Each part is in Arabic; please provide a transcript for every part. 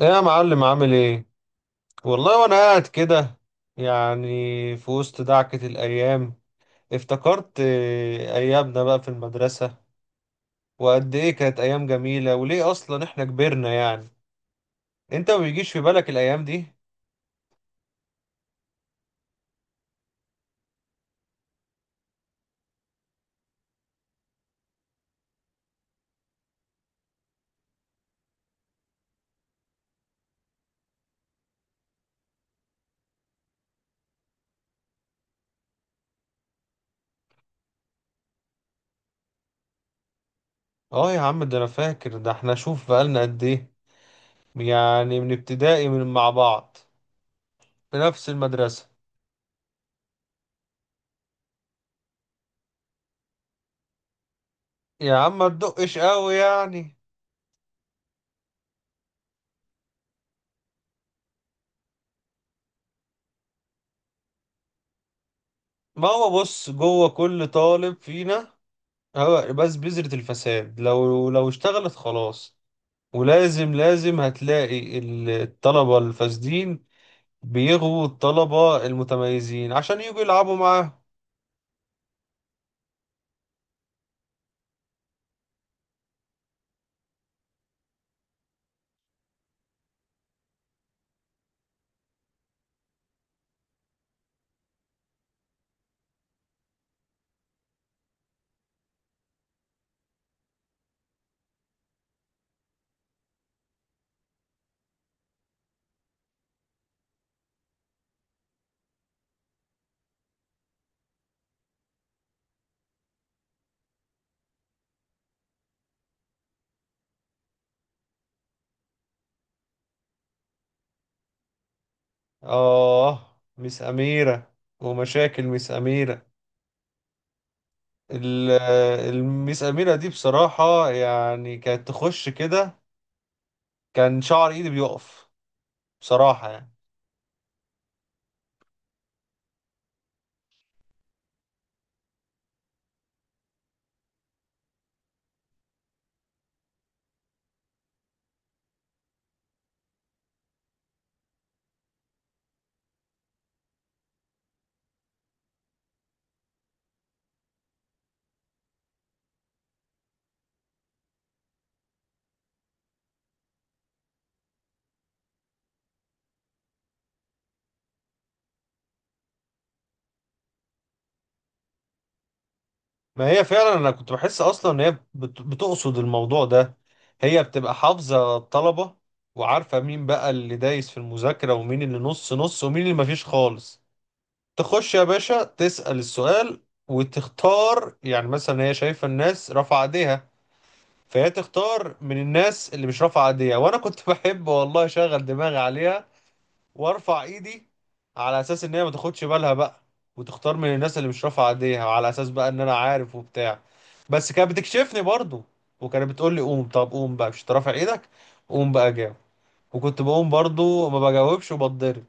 ايه يا معلم؟ عامل ايه؟ والله وانا قاعد كده، يعني في وسط دعكة الايام افتكرت ايامنا بقى في المدرسة وقد ايه كانت ايام جميلة، وليه اصلا احنا كبرنا انت ما بيجيش في بالك الايام دي؟ اه يا عم، ده انا فاكر ده، احنا شوف بقالنا قد ايه، يعني من ابتدائي من مع بعض في نفس المدرسة. يا عم ما تدقش قوي يعني. ما هو بص، جوه كل طالب فينا، اه، بس بذرة الفساد لو اشتغلت خلاص، ولازم هتلاقي الطلبة الفاسدين بيغوا الطلبة المتميزين عشان يجوا يلعبوا معاهم. اه مس أميرة، ومشاكل مس أميرة. المس أميرة دي بصراحة يعني كانت تخش كده، كان شعر إيدي بيقف بصراحة يعني. ما هي فعلا انا كنت بحس اصلا ان هي بتقصد الموضوع ده. هي بتبقى حافظة الطلبة، وعارفة مين بقى اللي دايس في المذاكرة ومين اللي نص نص ومين اللي مفيش خالص. تخش يا باشا تسأل السؤال، وتختار يعني مثلا هي شايفة الناس رافعة ايديها، فهي تختار من الناس اللي مش رافعة ايديها. وانا كنت بحب والله اشغل دماغي عليها، وارفع ايدي على اساس ان هي ما تاخدش بالها بقى، وتختار من الناس اللي مش رافعه ايديها، وعلى اساس بقى ان انا عارف وبتاع. بس كانت بتكشفني برضو، وكانت بتقول لي قوم، طب قوم بقى مش رافع ايدك، قوم بقى جاوب. وكنت بقوم برضو ما بجاوبش وبتضرب.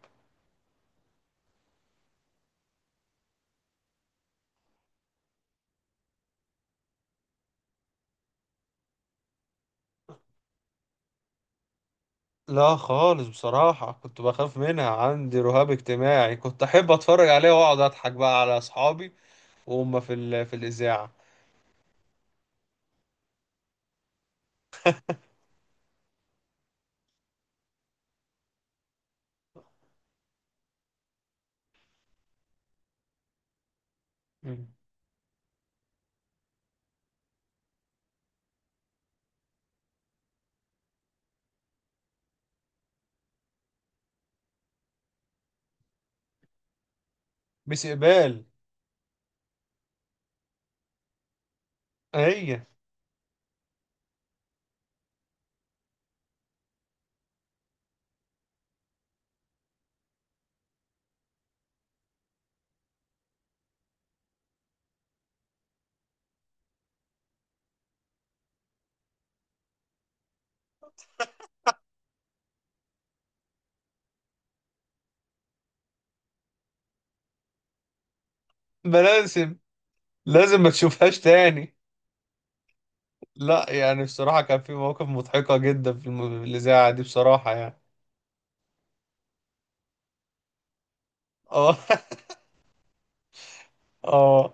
لا خالص، بصراحة كنت بخاف منها، عندي رهاب اجتماعي. كنت أحب أتفرج عليها وأقعد أضحك بقى على أصحابي وهم في في الإذاعة. مم. مس إقبال. هي. ما لازم، لازم ما تشوفهاش تاني. لا يعني بصراحة كان في مواقف مضحكة جدا في في الإذاعة دي بصراحة يعني. اه اه.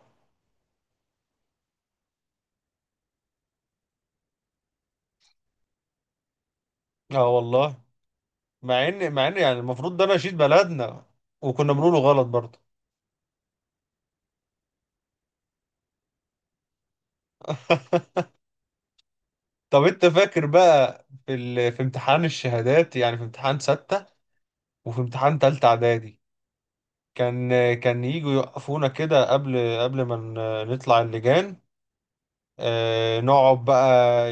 اه والله. مع ان يعني المفروض ده نشيد بلدنا، وكنا بنقوله غلط برضه. طب انت فاكر بقى في في امتحان الشهادات، يعني في امتحان ستة وفي امتحان تالتة اعدادي، كان يجوا يوقفونا كده قبل ما نطلع اللجان، نقعد بقى،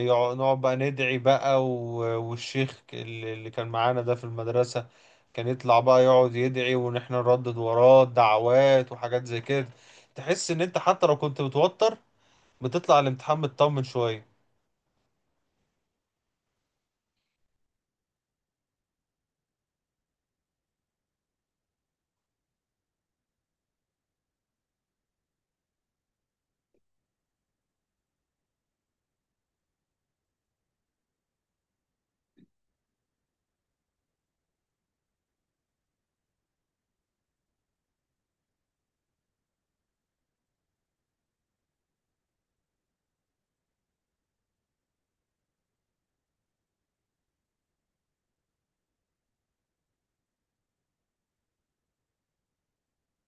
نقعد بقى ندعي بقى، والشيخ اللي كان معانا ده في المدرسة كان يطلع بقى يقعد يدعي وإن إحنا نردد وراه دعوات وحاجات زي كده. تحس إن أنت حتى لو كنت متوتر، بتطلع الامتحان مطمن شوية.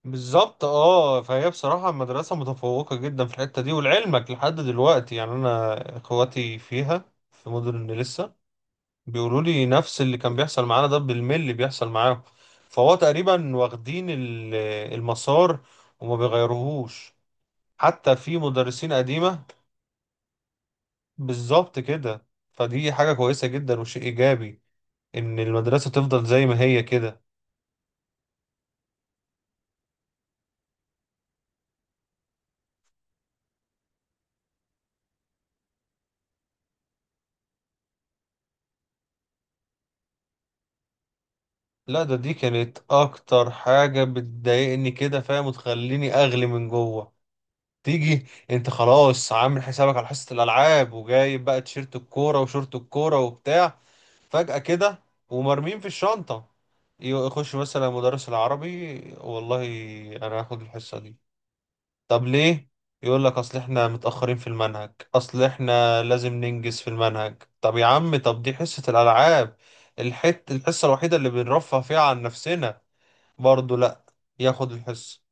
بالظبط اه. فهي بصراحة المدرسة متفوقة جدا في الحتة دي، ولعلمك لحد دلوقتي يعني أنا إخواتي فيها في مدن لسه، بيقولوا لي نفس اللي كان بيحصل معانا ده بالملي بيحصل معاهم. فهو تقريبا واخدين المسار وما بيغيروهوش، حتى في مدرسين قديمة. بالظبط كده. فدي حاجة كويسة جدا وشيء إيجابي إن المدرسة تفضل زي ما هي كده. لا ده دي كانت أكتر حاجة بتضايقني كده، فاهم، وتخليني أغلي من جوه. تيجي انت خلاص عامل حسابك على حصة الالعاب وجايب بقى تيشيرت الكورة وشورت الكورة وبتاع، فجأة كده ومرمين في الشنطة، يخش مثلا مدرس العربي: والله انا هاخد الحصة دي. طب ليه؟ يقول لك اصل احنا متأخرين في المنهج، اصل احنا لازم ننجز في المنهج. طب يا عم، طب دي حصة الالعاب، الحصة الوحيدة اللي بنرفه فيها عن نفسنا، برضه لا، ياخد الحصة.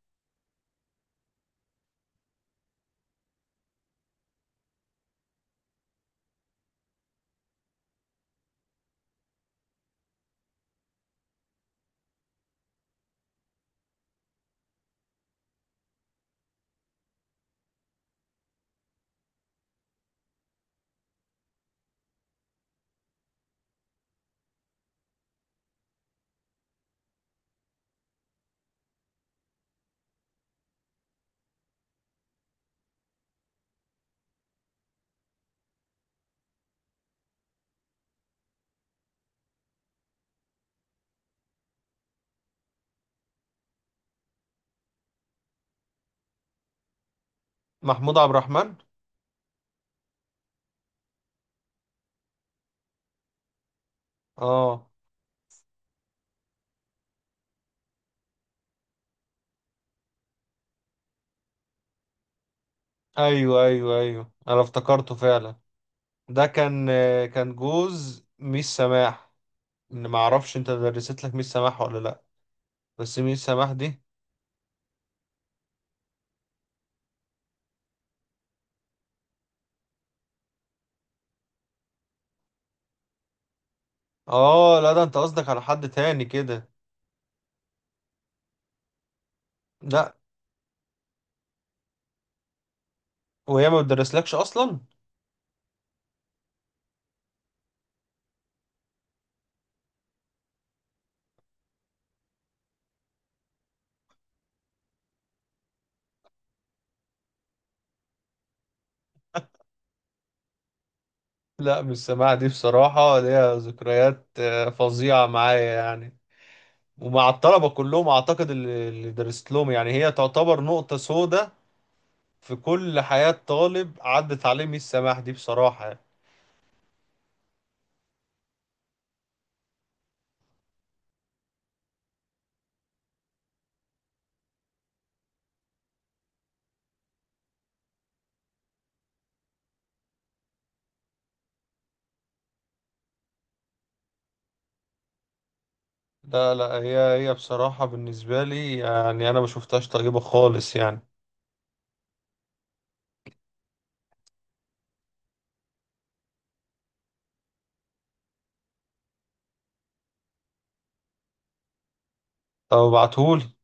محمود عبد الرحمن. اه ايوه ايوه ايوه انا افتكرته فعلا. ده كان كان جوز ميس سماح. ان ما اعرفش انت درست لك ميس سماح ولا لا؟ بس ميس سماح دي. اه لا، ده انت قصدك على حد تاني كده. لا. وهي ما بتدرسلكش اصلا؟ لا ميس سماح دي بصراحة ليها ذكريات فظيعة معايا يعني، ومع الطلبة كلهم اعتقد اللي درست لهم، يعني هي تعتبر نقطة سوداء في كل حياة طالب عدت عليه ميس سماح دي بصراحة يعني. لا لا هي، هي بصراحة بالنسبة لي يعني أنا ما شفتهاش طيبة خالص يعني. طب ابعتهولي.